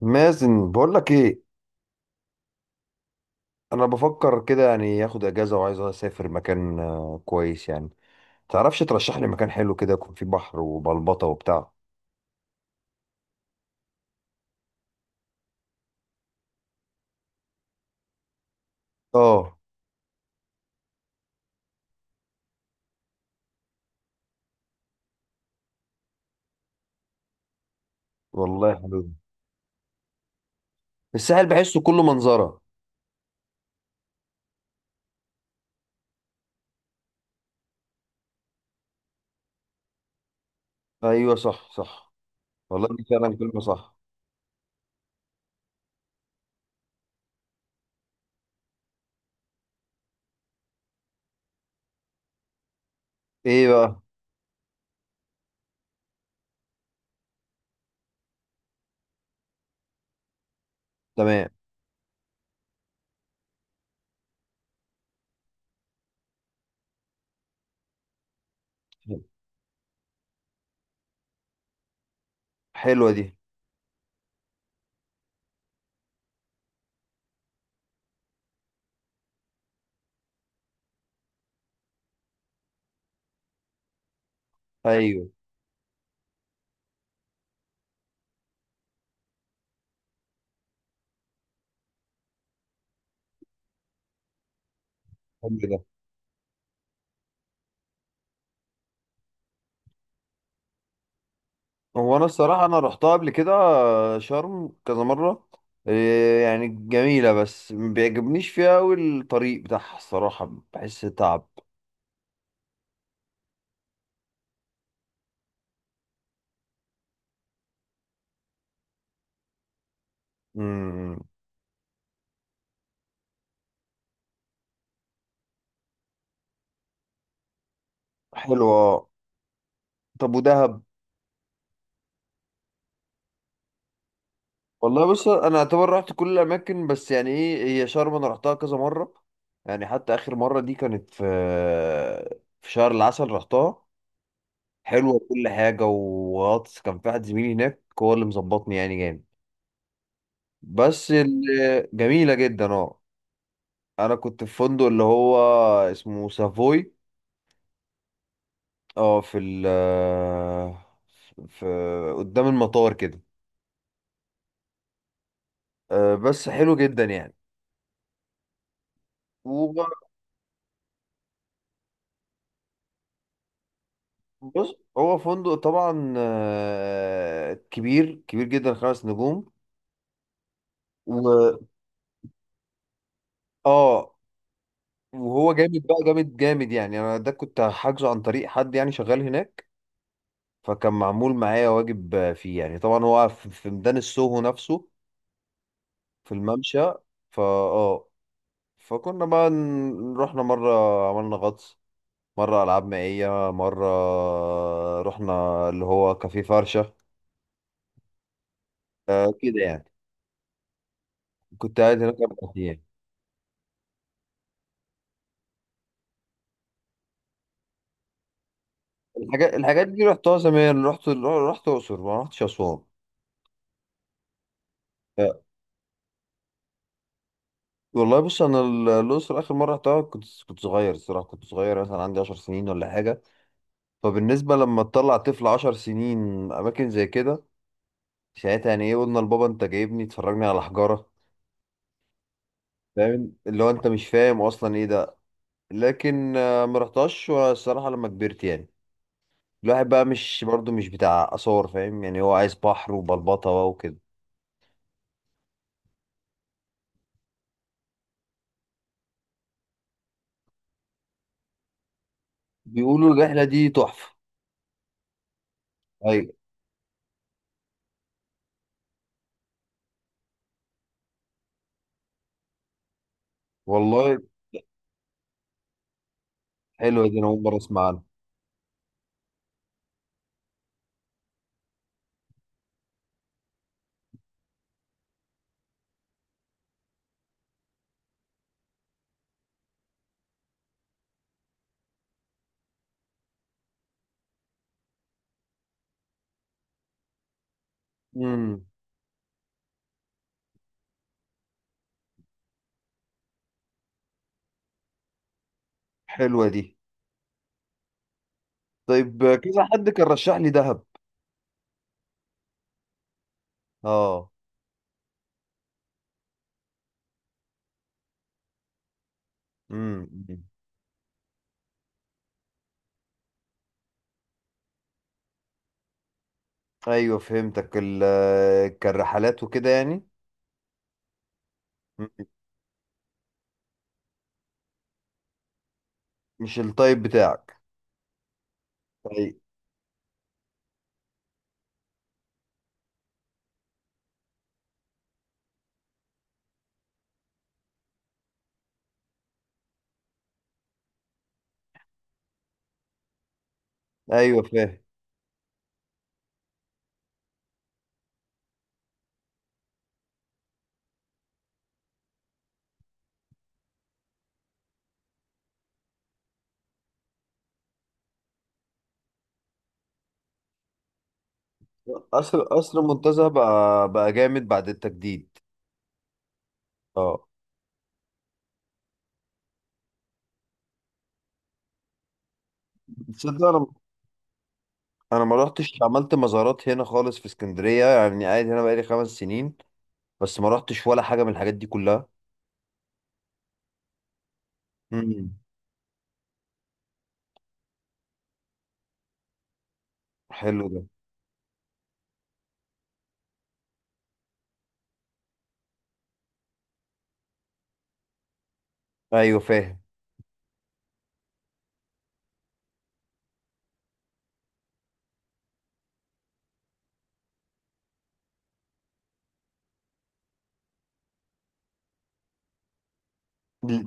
مازن، بقول لك ايه. انا بفكر كده يعني اخد اجازه وعايز اسافر مكان كويس يعني. تعرفش ترشح لي مكان حلو كده يكون فيه بحر وبلبطه وبتاع؟ اه، والله حلو. الساحل بحسه كله منظره. ايوه، صح صح. والله دي فعلا كلمه صح. ايه بقى؟ تمام. حلوه دي. ايوه، حلو ده. هو انا الصراحه انا رحتها قبل كده شرم كذا مره. إيه يعني، جميله، بس ما بيعجبنيش فيها قوي. الطريق بتاعها الصراحه بحس تعب. امم. حلو اه. طب ودهب؟ والله بص، انا اعتبر رحت كل الاماكن، بس يعني ايه، هي شرم انا رحتها كذا مره. يعني حتى اخر مره دي كانت في شهر العسل رحتها. حلوه كل حاجه، وغطس كان في واحد زميلي هناك هو اللي مظبطني يعني، جامد. بس جميله جدا اه. انا كنت في فندق اللي هو اسمه سافوي. اه، في ال، في قدام المطار كده. بس حلو جدا يعني. بص، هو فندق طبعا كبير كبير جدا، 5 نجوم. و اه، وهو جامد بقى، جامد جامد يعني. انا ده كنت حاجزه عن طريق حد يعني شغال هناك، فكان معمول معايا واجب فيه. يعني طبعا هو في ميدان السوهو نفسه، في الممشى. فا اه، فكنا بقى رحنا مرة عملنا غطس، مرة ألعاب مائية، مرة رحنا اللي هو كافيه فرشة، كده يعني. كنت قاعد هناك 4 أيام. الحاجات دي رحتها زمان، رحت الاقصر، ما رحتش اسوان. آه، والله بص، انا الاقصر اخر مره رحتها كنت صغير الصراحه. كنت صغير مثلا، عندي 10 سنين ولا حاجه. فبالنسبه لما تطلع طفل 10 سنين، اماكن زي كده ساعتها يعني ايه؟ قلنا لبابا، انت جايبني تفرجني على حجاره؟ فاهم اللي هو انت مش فاهم اصلا ايه ده. لكن ما رحتهاش الصراحه لما كبرت يعني. الواحد بقى مش برضه مش بتاع اثار فاهم، يعني هو عايز بحر وبلبطه بقى وكده. بيقولوا الرحله دي تحفه. أيوة، والله حلوة دي، أنا أول مرة أسمع عنها. امم. حلوة دي. طيب، كذا حد كان رشح لي دهب. أه. امم، أمم. أيوه فهمتك، ال كان رحلات وكده يعني. أمم. مش التايب بتاعك. طيب. أيوه فاهم. قصر المنتزه بقى جامد بعد التجديد. أه. تصدق، أنا ما رحتش عملت مزارات هنا خالص في اسكندرية. يعني قاعد هنا بقالي 5 سنين، بس ما رحتش ولا حاجة من الحاجات دي كلها. امم. حلو ده. أيوه فاهم.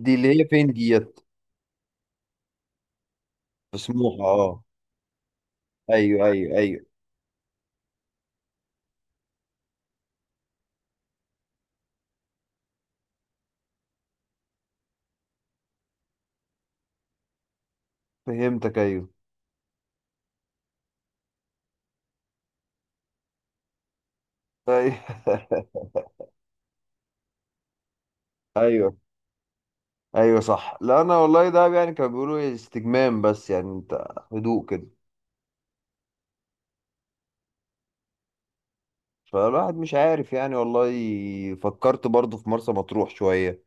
دي اللي هي فين دي؟ مسموحة اه. ايوه ايوه ايوه. فهمتك ايوه. ايوه. ايوه ايوه، صح. لا انا والله ده يعني كانوا بيقولوا إيه، استجمام، بس يعني انت هدوء كده. فالواحد مش عارف يعني، والله. فكرت برضه في مرسى مطروح شوية،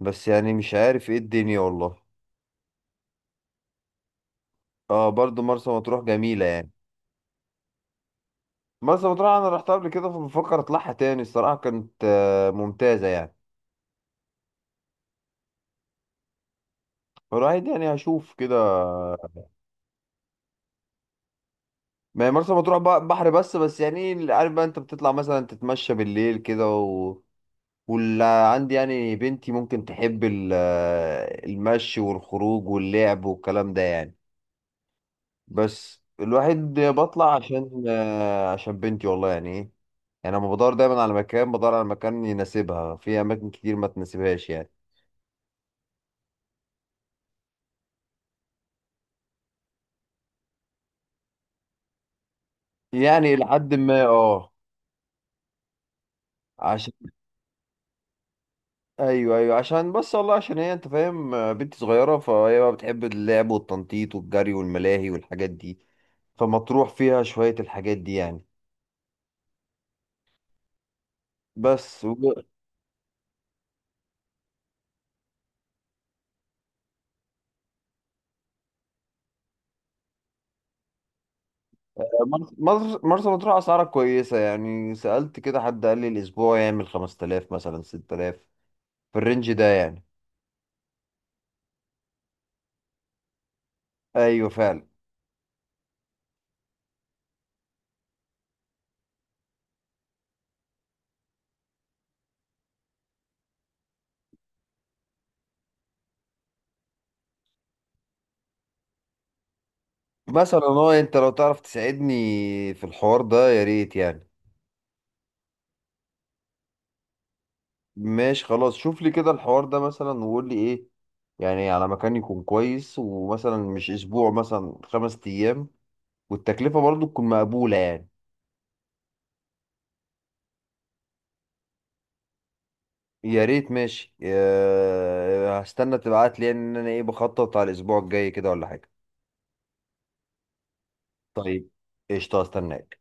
بس يعني مش عارف ايه الدنيا والله. اه، برضه مرسى مطروح جميلة يعني. مرسى مطروح انا رحتها قبل كده، فبفكر اطلعها تاني. الصراحة كانت ممتازة يعني. فالواحد يعني هشوف كده. ما هي مرسى مطروح بقى بحر بس، بس يعني إيه، عارف بقى، انت بتطلع مثلا تتمشى بالليل كده، و... واللي عندي يعني بنتي ممكن تحب المشي والخروج واللعب والكلام ده يعني. بس الواحد بطلع عشان عشان بنتي، والله يعني ايه. يعني انا بدور دايما على مكان، بدور على مكان يناسبها. في اماكن كتير ما تناسبهاش يعني. يعني لحد ما اه، عشان. ايوه ايوه عشان، بس والله عشان هي انت فاهم بنت صغيره، فهي بقى بتحب اللعب والتنطيط والجري والملاهي والحاجات دي. فمطروح فيها شويه الحاجات دي يعني. بس مرسى مطروح اسعارها كويسه يعني. سالت كده حد قال لي الاسبوع يعمل 5000، مثلا 6000، في الرينج ده يعني. ايوه فعلا. مثلا هو انت لو تعرف تساعدني في الحوار ده يا ريت يعني. ماشي خلاص، شوف لي كده الحوار ده مثلا، وقول لي ايه يعني على مكان يكون كويس، ومثلا مش اسبوع، مثلا 5 ايام، والتكلفة برضو تكون مقبولة يعني. يا ريت، ماشي هستنى تبعت لي يعني، ان انا ايه بخطط على الاسبوع الجاي كده ولا حاجة. طيب، قشطة، هستناك.